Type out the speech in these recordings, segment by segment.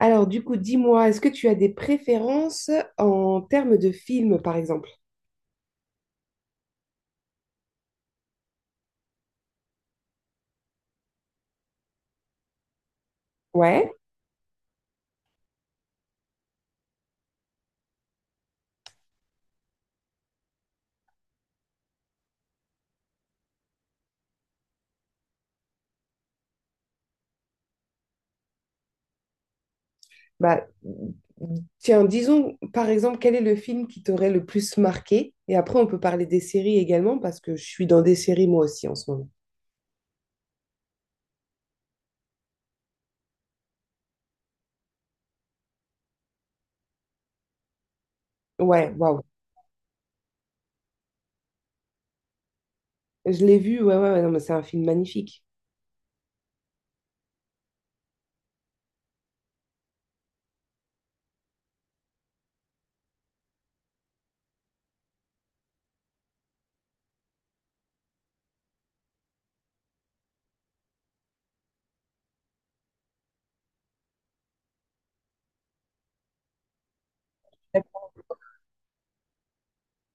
Alors, du coup, dis-moi, est-ce que tu as des préférences en termes de films, par exemple? Ouais. Bah, tiens, disons, par exemple, quel est le film qui t'aurait le plus marqué? Et après, on peut parler des séries également, parce que je suis dans des séries moi aussi en ce moment. Ouais, waouh. Je l'ai vu, ouais, ouais, ouais, non, mais c'est un film magnifique.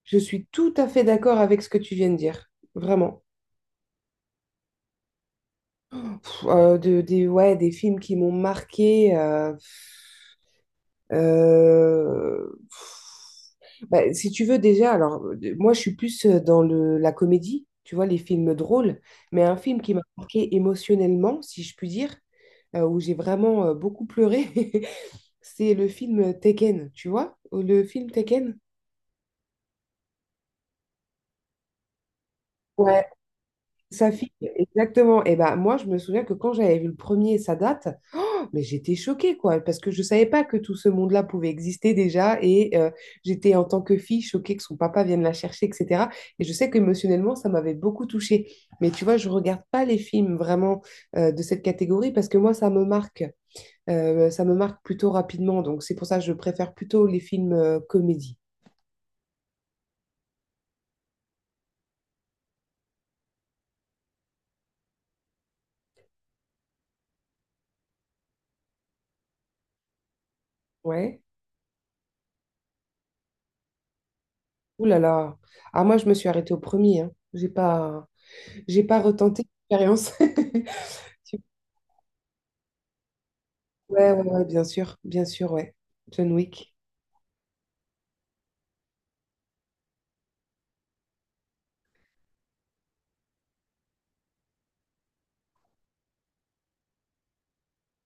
Je suis tout à fait d'accord avec ce que tu viens de dire, vraiment. Pff, des, ouais, des films qui m'ont marqué. Pff. Bah, si tu veux déjà, alors moi je suis plus dans la comédie, tu vois, les films drôles, mais un film qui m'a marqué émotionnellement, si je puis dire, où j'ai vraiment beaucoup pleuré, c'est le film Taken, tu vois, le film Taken. Ouais, sa fille, exactement. Et ben moi, je me souviens que quand j'avais vu le premier, ça date. Mais j'étais choquée, quoi, parce que je ne savais pas que tout ce monde-là pouvait exister déjà. Et j'étais en tant que fille choquée que son papa vienne la chercher, etc. Et je sais qu'émotionnellement, ça m'avait beaucoup touchée. Mais tu vois, je ne regarde pas les films vraiment de cette catégorie parce que moi, ça me marque. Ça me marque plutôt rapidement. Donc, c'est pour ça que je préfère plutôt les films comédie. Ouais. Ouh là là. Ah, moi, je me suis arrêtée au premier. Hein. J'ai pas retenté l'expérience. Ouais, ouais, ouais, bien sûr. Bien sûr, ouais. John Wick.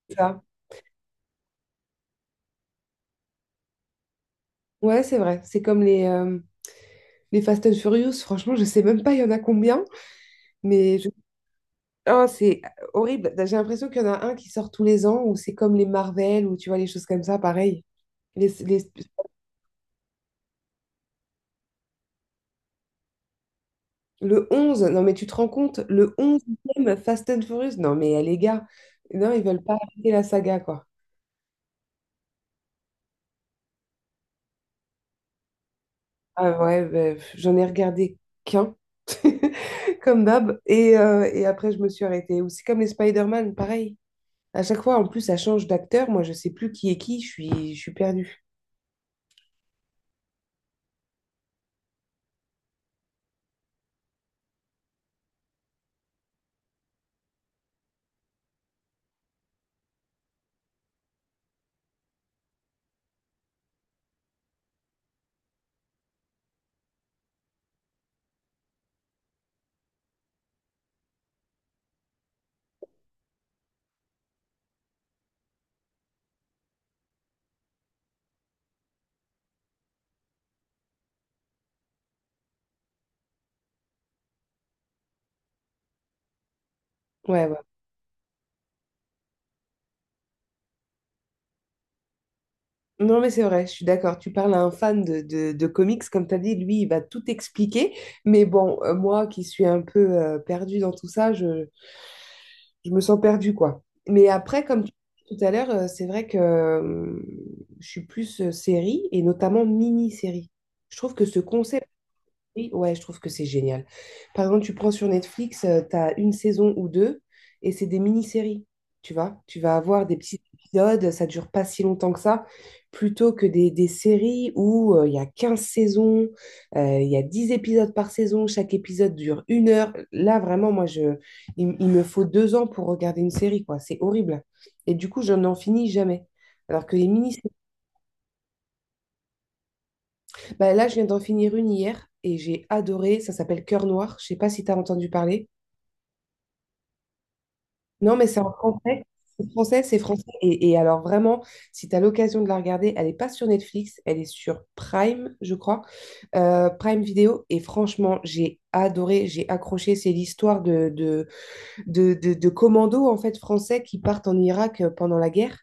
Ça. Ouais, c'est vrai. C'est comme les Fast and Furious. Franchement, je sais même pas il y en a combien, mais je- Ah, c'est horrible. Bah, j'ai l'impression qu'il y en a un qui sort tous les ans, ou c'est comme les Marvel, ou tu vois, les choses comme ça, pareil. Les- les- Le 11 non mais tu te rends compte, le 11e Fast and Furious, non mais les gars, non, ils veulent pas arrêter la saga, quoi. Ah ouais, ben, pff, j'en ai regardé qu'un, comme d'hab, et après je me suis arrêtée. Ou c'est comme les Spider-Man, pareil. À chaque fois, en plus, ça change d'acteur. Moi, je sais plus qui est qui. Je suis perdue. Ouais, ouais. Non, mais c'est vrai, je suis d'accord. Tu parles à un fan de comics, comme tu as dit, lui, il va tout expliquer. Mais bon, moi qui suis un peu perdue dans tout ça, je me sens perdue, quoi. Mais après, comme tu disais tout à l'heure, c'est vrai que je suis plus série et notamment mini-série. Je trouve que ce concept, oui, ouais, je trouve que c'est génial. Par exemple, tu prends sur Netflix, tu as une saison ou deux et c'est des mini-séries, tu vois. Tu vas avoir des petits épisodes, ça dure pas si longtemps que ça, plutôt que des séries où il y a 15 saisons, il y a 10 épisodes par saison, chaque épisode dure 1 heure. Là, vraiment, moi, il me faut 2 ans pour regarder une série, quoi. C'est horrible. Et du coup, je n'en finis jamais. Alors que les mini-séries. Bah, là, je viens d'en finir une hier et j'ai adoré. Ça s'appelle Cœur Noir. Je sais pas si tu as entendu parler. Non, mais c'est en français. C'est français, c'est français. Et alors, vraiment, si tu as l'occasion de la regarder, elle n'est pas sur Netflix, elle est sur Prime, je crois, Prime Vidéo. Et franchement, j'ai adoré, j'ai accroché. C'est l'histoire de commandos en fait français qui partent en Irak pendant la guerre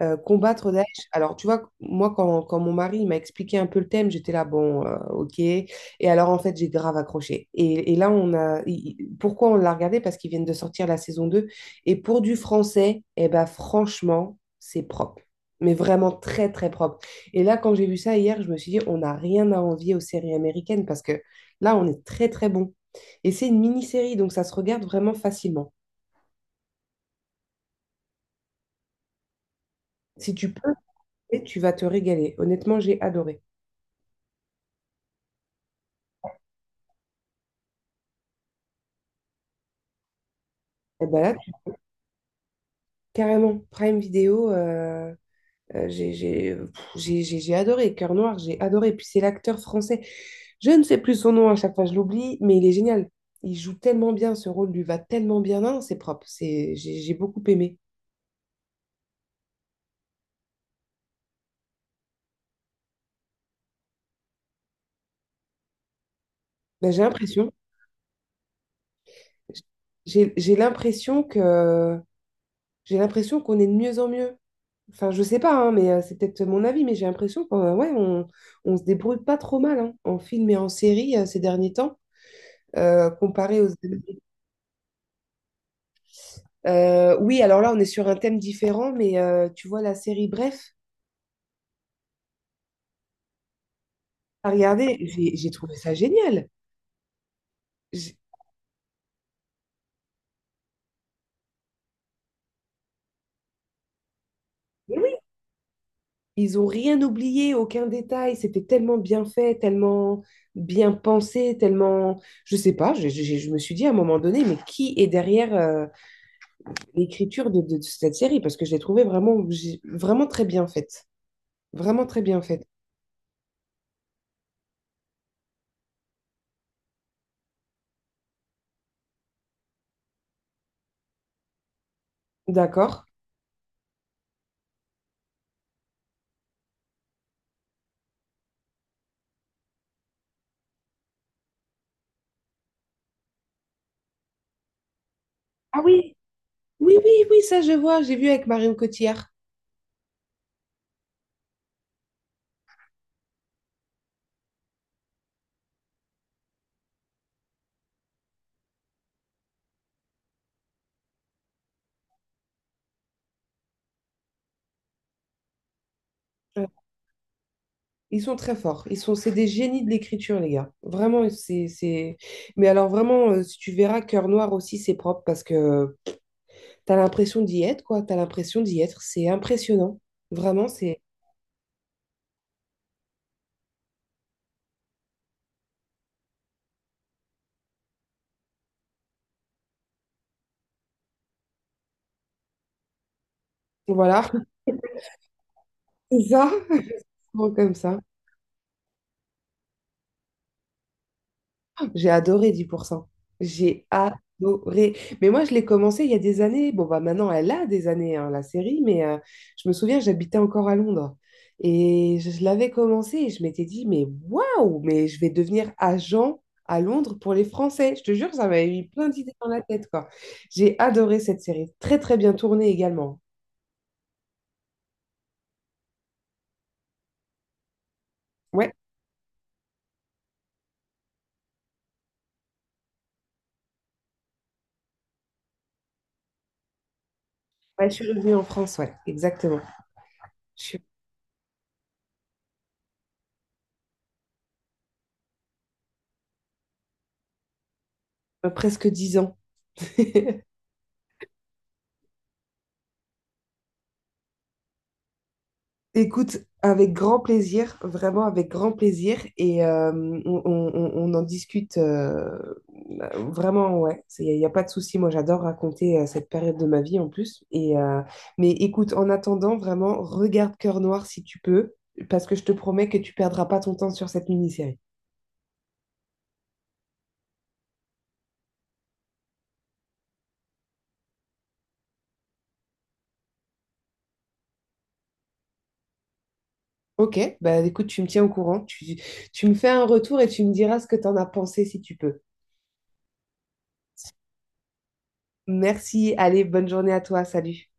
euh, combattre Daesh. Alors, tu vois, moi, quand mon mari il m'a expliqué un peu le thème, j'étais là, bon, ok. Et, alors, en fait, j'ai grave accroché. Et là, pourquoi on l'a regardé? Parce qu'ils viennent de sortir la saison 2. Et pour du français, eh ben, franchement, c'est propre. Mais vraiment très, très propre. Et là, quand j'ai vu ça hier, je me suis dit, on n'a rien à envier aux séries américaines parce que là, on est très, très bon. Et c'est une mini-série, donc ça se regarde vraiment facilement. Si tu peux, et tu vas te régaler. Honnêtement, j'ai adoré. Et ben là, carrément, Prime Video, j'ai adoré. Cœur Noir, j'ai adoré. Puis c'est l'acteur français. Je ne sais plus son nom à chaque fois, je l'oublie, mais il est génial. Il joue tellement bien, ce rôle lui va tellement bien. Non, non, c'est propre. C'est, j'ai beaucoup aimé. Ben, j'ai l'impression que j'ai l'impression qu'on est de mieux en mieux. Enfin, je sais pas, hein, mais c'est peut-être mon avis, mais j'ai l'impression qu'on ouais, on se débrouille pas trop mal hein, en film et en série ces derniers temps, comparé aux Américains. Oui, alors là, on est sur un thème différent, mais tu vois, la série Bref, à regarder, j'ai trouvé ça génial. J'ai- Mais oui, ils ont rien oublié, aucun détail, c'était tellement bien fait, tellement bien pensé, tellement. Je sais pas, je me suis dit à un moment donné, mais qui est derrière l'écriture de cette série parce que je l'ai trouvée vraiment, vraiment très bien faite. Vraiment très bien faite. D'accord. Ah oui, oui, oui, oui, ça je vois, j'ai vu avec Marion Cotillard. Euh, Ils sont très forts. C'est des génies de l'écriture, les gars. Vraiment, c'est... Mais alors vraiment, si tu verras, Cœur Noir aussi, c'est propre parce que t'as l'impression d'y être, quoi. T'as l'impression d'y être. C'est impressionnant. Vraiment, c'est. Voilà. C'est ça, gros, comme ça. J'ai adoré Dix pour cent. J'ai adoré. Mais moi, je l'ai commencé il y a des années. Bon, bah maintenant, elle a des années, hein, la série, mais je me souviens, j'habitais encore à Londres. Et je l'avais commencé et je m'étais dit, mais waouh, mais je vais devenir agent à Londres pour les Français. Je te jure, ça m'avait mis plein d'idées dans la tête, quoi. J'ai adoré cette série. Très, très bien tournée également. Ouais, ouais, je suis revenue en France, ouais, exactement. Je suis Presque 10 ans. Écoute, avec grand plaisir, vraiment avec grand plaisir, et on en discute vraiment, ouais, y a pas de souci, moi j'adore raconter cette période de ma vie en plus, mais écoute, en attendant, vraiment, regarde Cœur Noir si tu peux, parce que je te promets que tu perdras pas ton temps sur cette mini-série. Ok, bah écoute, tu me tiens au courant, tu me fais un retour et tu me diras ce que t'en as pensé si tu peux. Merci, allez, bonne journée à toi, salut.